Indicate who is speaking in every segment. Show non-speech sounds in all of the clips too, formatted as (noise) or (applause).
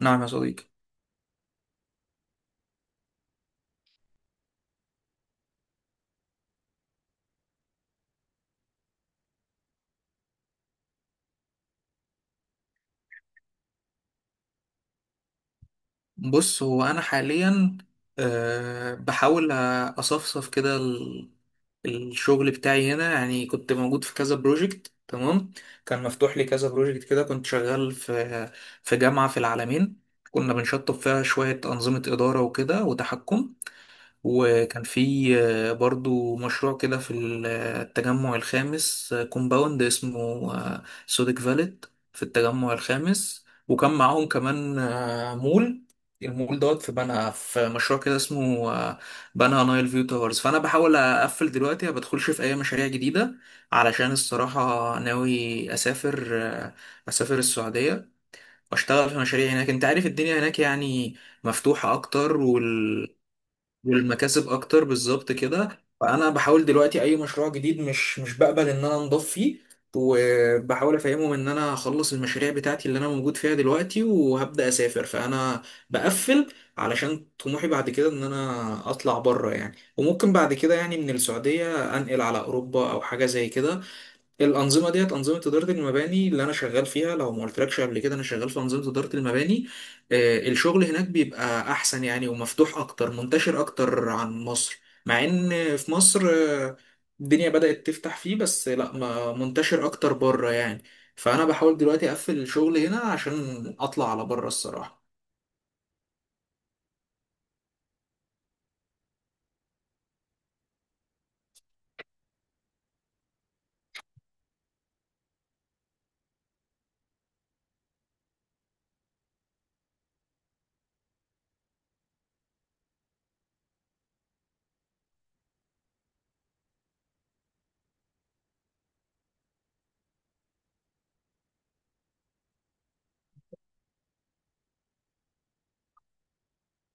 Speaker 1: نعم يا صديقي. بص، هو أنا حاليا بحاول أصفصف كده الشغل بتاعي هنا، يعني كنت موجود في كذا بروجكت. تمام. كان مفتوح لي كذا بروجكت كده، كنت شغال في جامعة في العالمين، كنا بنشطب فيها شوية أنظمة إدارة وكده وتحكم. وكان في برضو مشروع كده في التجمع الخامس، كومباوند اسمه سودك فاليد في التجمع الخامس. وكان معاهم كمان مول، المول دوت في بنها، في مشروع كده اسمه بنها نايل فيو تاورز. فانا بحاول اقفل دلوقتي، ما بدخلش في اي مشاريع جديده، علشان الصراحه ناوي اسافر اسافر السعوديه واشتغل في مشاريع هناك. انت عارف الدنيا هناك يعني مفتوحه اكتر، والمكاسب اكتر بالظبط كده. فانا بحاول دلوقتي اي مشروع جديد مش بقبل ان انا انضف فيه، وبحاول افهمهم ان انا هخلص المشاريع بتاعتي اللي انا موجود فيها دلوقتي وهبدا اسافر. فانا بقفل، علشان طموحي بعد كده ان انا اطلع بره يعني، وممكن بعد كده يعني من السعوديه انقل على اوروبا او حاجه زي كده. الانظمه ديت انظمه اداره المباني اللي انا شغال فيها، لو ما قلتلكش قبل كده، انا شغال في انظمه اداره المباني. الشغل هناك بيبقى احسن يعني، ومفتوح اكتر، منتشر اكتر عن مصر. مع ان في مصر الدنيا بدات تفتح فيه، بس لا، ما منتشر اكتر بره يعني. فانا بحاول دلوقتي اقفل الشغل هنا عشان اطلع على بره الصراحه.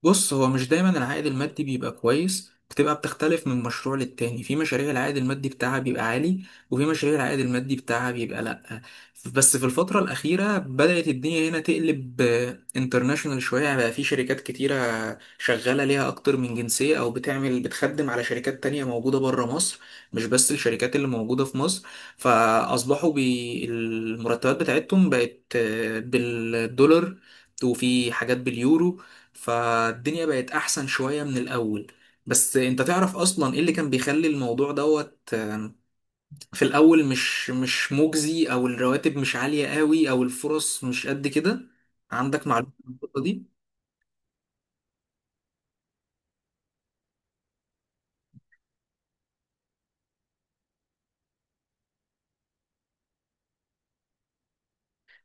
Speaker 1: بص، هو مش دايما العائد المادي بيبقى كويس، بتبقى بتختلف من مشروع للتاني. في مشاريع العائد المادي بتاعها بيبقى عالي، وفي مشاريع العائد المادي بتاعها بيبقى لأ. بس في الفترة الأخيرة بدأت الدنيا هنا تقلب انترناشونال شوية يعني. بقى في شركات كتيرة شغالة ليها أكتر من جنسية، أو بتعمل بتخدم على شركات تانية موجودة بره مصر، مش بس الشركات اللي موجودة في مصر. فأصبحوا بي المرتبات بتاعتهم بقت بالدولار، وفي حاجات باليورو. فالدنيا بقت احسن شوية من الاول. بس انت تعرف اصلا ايه اللي كان بيخلي الموضوع دوت، في الاول مش مجزي، او الرواتب مش عالية قوي، او الفرص مش قد كده؟ عندك معلومة عن النقطة دي؟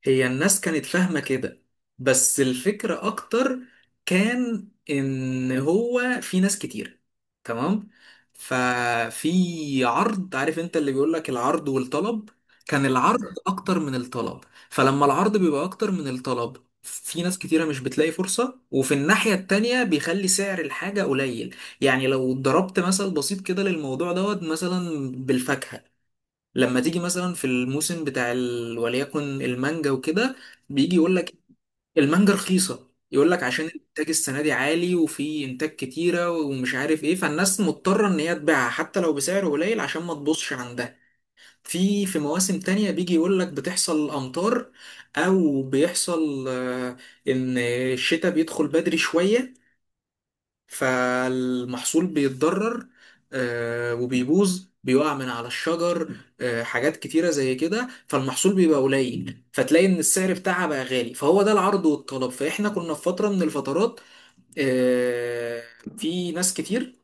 Speaker 1: هي الناس كانت فاهمة كده، بس الفكرة أكتر كان إن هو في ناس كتير. تمام. ففي عرض، عارف أنت اللي بيقولك العرض والطلب، كان العرض أكتر من الطلب. فلما العرض بيبقى أكتر من الطلب، في ناس كتيرة مش بتلاقي فرصة، وفي الناحية التانية بيخلي سعر الحاجة قليل. يعني لو ضربت مثل بسيط كده للموضوع دوت، مثلا بالفاكهة، لما تيجي مثلا في الموسم بتاع وليكن المانجا وكده، بيجي يقول لك المانجا رخيصة، يقول لك عشان الانتاج السنة دي عالي وفي انتاج كتيرة ومش عارف ايه، فالناس مضطرة ان هي تبيعها حتى لو بسعر قليل عشان ما تبوظش عندها. في مواسم تانية بيجي يقول لك بتحصل امطار، او بيحصل ان الشتاء بيدخل بدري شوية، فالمحصول بيتضرر، وبيبوظ، بيقع من على الشجر. حاجات كتيرة زي كده، فالمحصول بيبقى قليل، فتلاقي ان السعر بتاعها بقى غالي. فهو ده العرض والطلب. فاحنا كنا في فترة من الفترات، آه، في ناس كتير،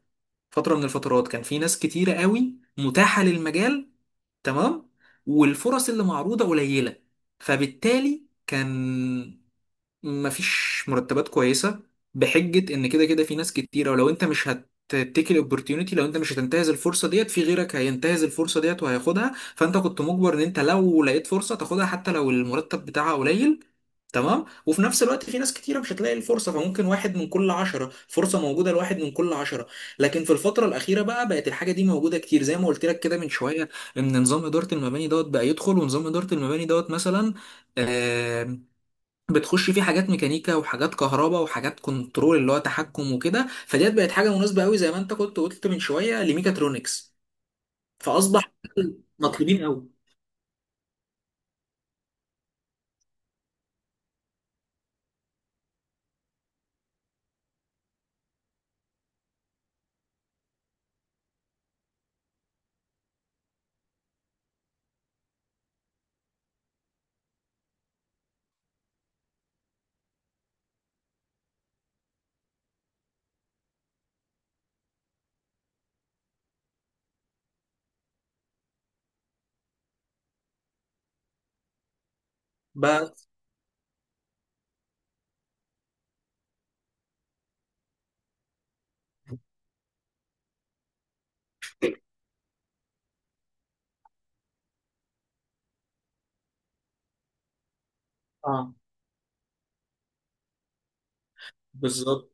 Speaker 1: فترة من الفترات كان في ناس كتيرة قوي متاحة للمجال. تمام. والفرص اللي معروضة قليلة، فبالتالي كان مفيش مرتبات كويسة، بحجة ان كده كده في ناس كتيرة، ولو انت مش هتتيك الاوبورتيونيتي، لو انت مش هتنتهز الفرصة ديت، في غيرك هينتهز الفرصة ديت وهياخدها. فانت كنت مجبر ان انت لو لقيت فرصة تاخدها حتى لو المرتب بتاعها قليل. تمام. وفي نفس الوقت في ناس كتيرة مش هتلاقي الفرصة، فممكن واحد من كل عشرة، فرصة موجودة لواحد من كل عشرة. لكن في الفترة الأخيرة بقى بقت الحاجة دي موجودة كتير، زي ما قلت لك كده من شوية، إن نظام إدارة المباني دوت بقى يدخل. ونظام إدارة المباني دوت مثلا بتخش فيه حاجات ميكانيكا وحاجات كهرباء وحاجات كنترول اللي هو تحكم وكده، فديت بقت حاجه مناسبه قوي زي ما انت كنت قلت من شويه لميكاترونكس. فاصبح مطلوبين قوي. بقى. اه. بالظبط.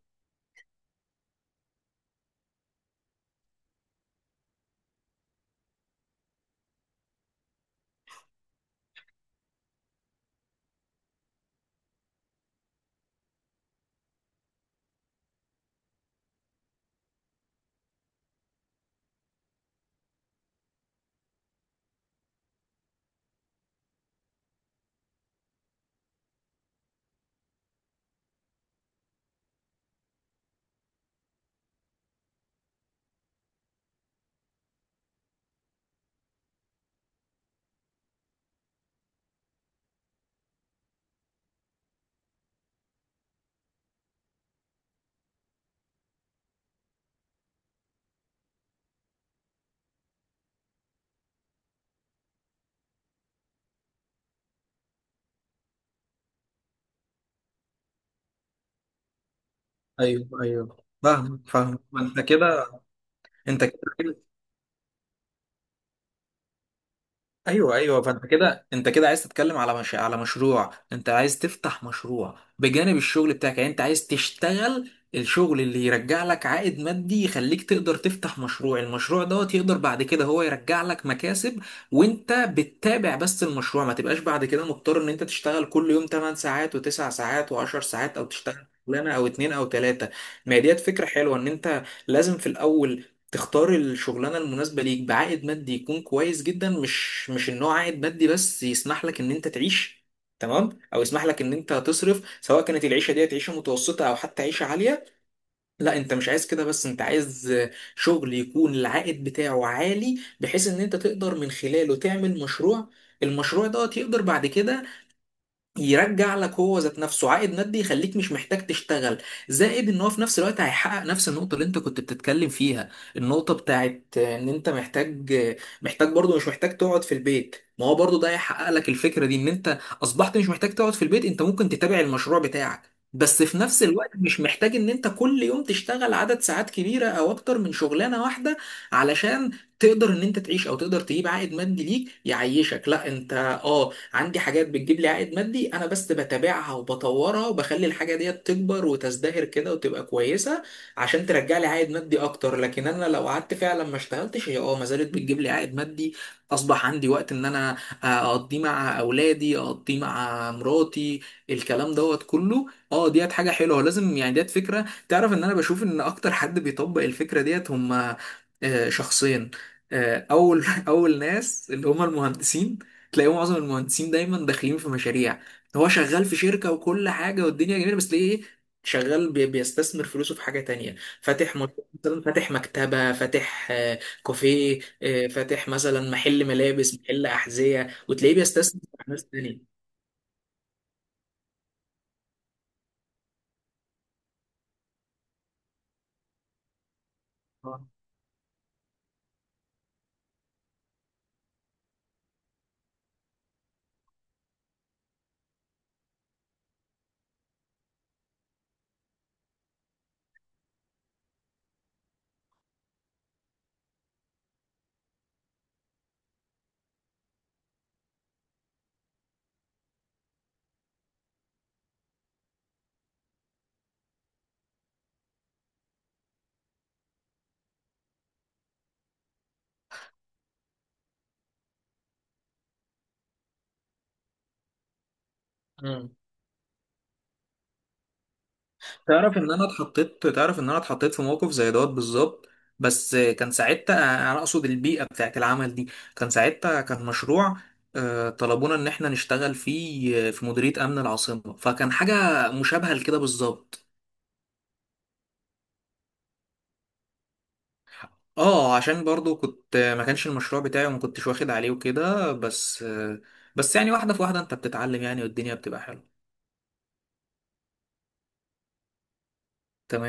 Speaker 1: ايوه، ايوه. فاهم، فاهم. ما انت كده، انت كده. ايوه، ايوه. فانت كده، انت كده عايز تتكلم على مش... على مشروع. انت عايز تفتح مشروع بجانب الشغل بتاعك، يعني انت عايز تشتغل الشغل اللي يرجع لك عائد مادي يخليك تقدر تفتح مشروع، المشروع دوت يقدر بعد كده هو يرجع لك مكاسب وانت بتتابع بس المشروع. ما تبقاش بعد كده مضطر ان انت تشتغل كل يوم 8 ساعات و9 ساعات و10 ساعات، او تشتغل شغلانه او اتنين او تلاته. ما هي ديت فكره حلوه، ان انت لازم في الاول تختار الشغلانة المناسبة ليك بعائد مادي يكون كويس جدا، مش ان هو عائد مادي بس يسمح لك ان انت تعيش، تمام، او يسمح لك ان انت تصرف سواء كانت العيشة ديت عيشة متوسطة او حتى عيشة عالية. لا، انت مش عايز كده، بس انت عايز شغل يكون العائد بتاعه عالي بحيث ان انت تقدر من خلاله تعمل مشروع، المشروع ده يقدر بعد كده يرجع لك هو ذات نفسه عائد مادي يخليك مش محتاج تشتغل. زائد ان هو في نفس الوقت هيحقق نفس النقطة اللي انت كنت بتتكلم فيها، النقطة بتاعت ان انت محتاج، برضو مش محتاج تقعد في البيت. ما هو برضو ده هيحقق لك الفكرة دي ان انت اصبحت مش محتاج تقعد في البيت، انت ممكن تتابع المشروع بتاعك بس في نفس الوقت مش محتاج ان انت كل يوم تشتغل عدد ساعات كبيرة او اكتر من شغلانة واحدة، علشان تقدر ان انت تعيش او تقدر تجيب عائد مادي ليك يعيشك. لا، انت اه عندي حاجات بتجيب لي عائد مادي، انا بس بتابعها وبطورها وبخلي الحاجه ديت تكبر وتزدهر كده وتبقى كويسه، عشان ترجع لي عائد مادي اكتر. لكن انا لو قعدت فعلا ما اشتغلتش، هي اه ما زالت بتجيب لي عائد مادي. اصبح عندي وقت ان انا آه، اقضيه مع اولادي، اقضيه مع مراتي، الكلام دوت كله. اه، ديت حاجه حلوه لازم يعني. ديت فكره، تعرف ان انا بشوف ان اكتر حد بيطبق الفكره ديت هم شخصين. اول (laughs) اول ناس اللي هم المهندسين. تلاقيه معظم المهندسين دايما داخلين في مشاريع، هو شغال في شركة وكل حاجة والدنيا جميلة، بس ليه ايه؟ شغال بيستثمر فلوسه في حاجة تانية، فاتح مشروع، مثلا فاتح مكتبة، فاتح كافيه، فاتح مثلا محل ملابس، محل أحذية، وتلاقيه بيستثمر في ناس تانية. آه. تعرف ان انا اتحطيت في موقف زي دوت بالظبط، بس كان ساعتها، انا اقصد البيئه بتاعت العمل دي، كان ساعتها كان مشروع طلبونا ان احنا نشتغل فيه في مديريه امن العاصمه، فكان حاجه مشابهه لكده بالظبط. اه، عشان برضو كنت، ما كانش المشروع بتاعي وما كنتش واخد عليه وكده، بس بس يعني واحده في واحده انت بتتعلم يعني، والدنيا بتبقى حلوه. تمام.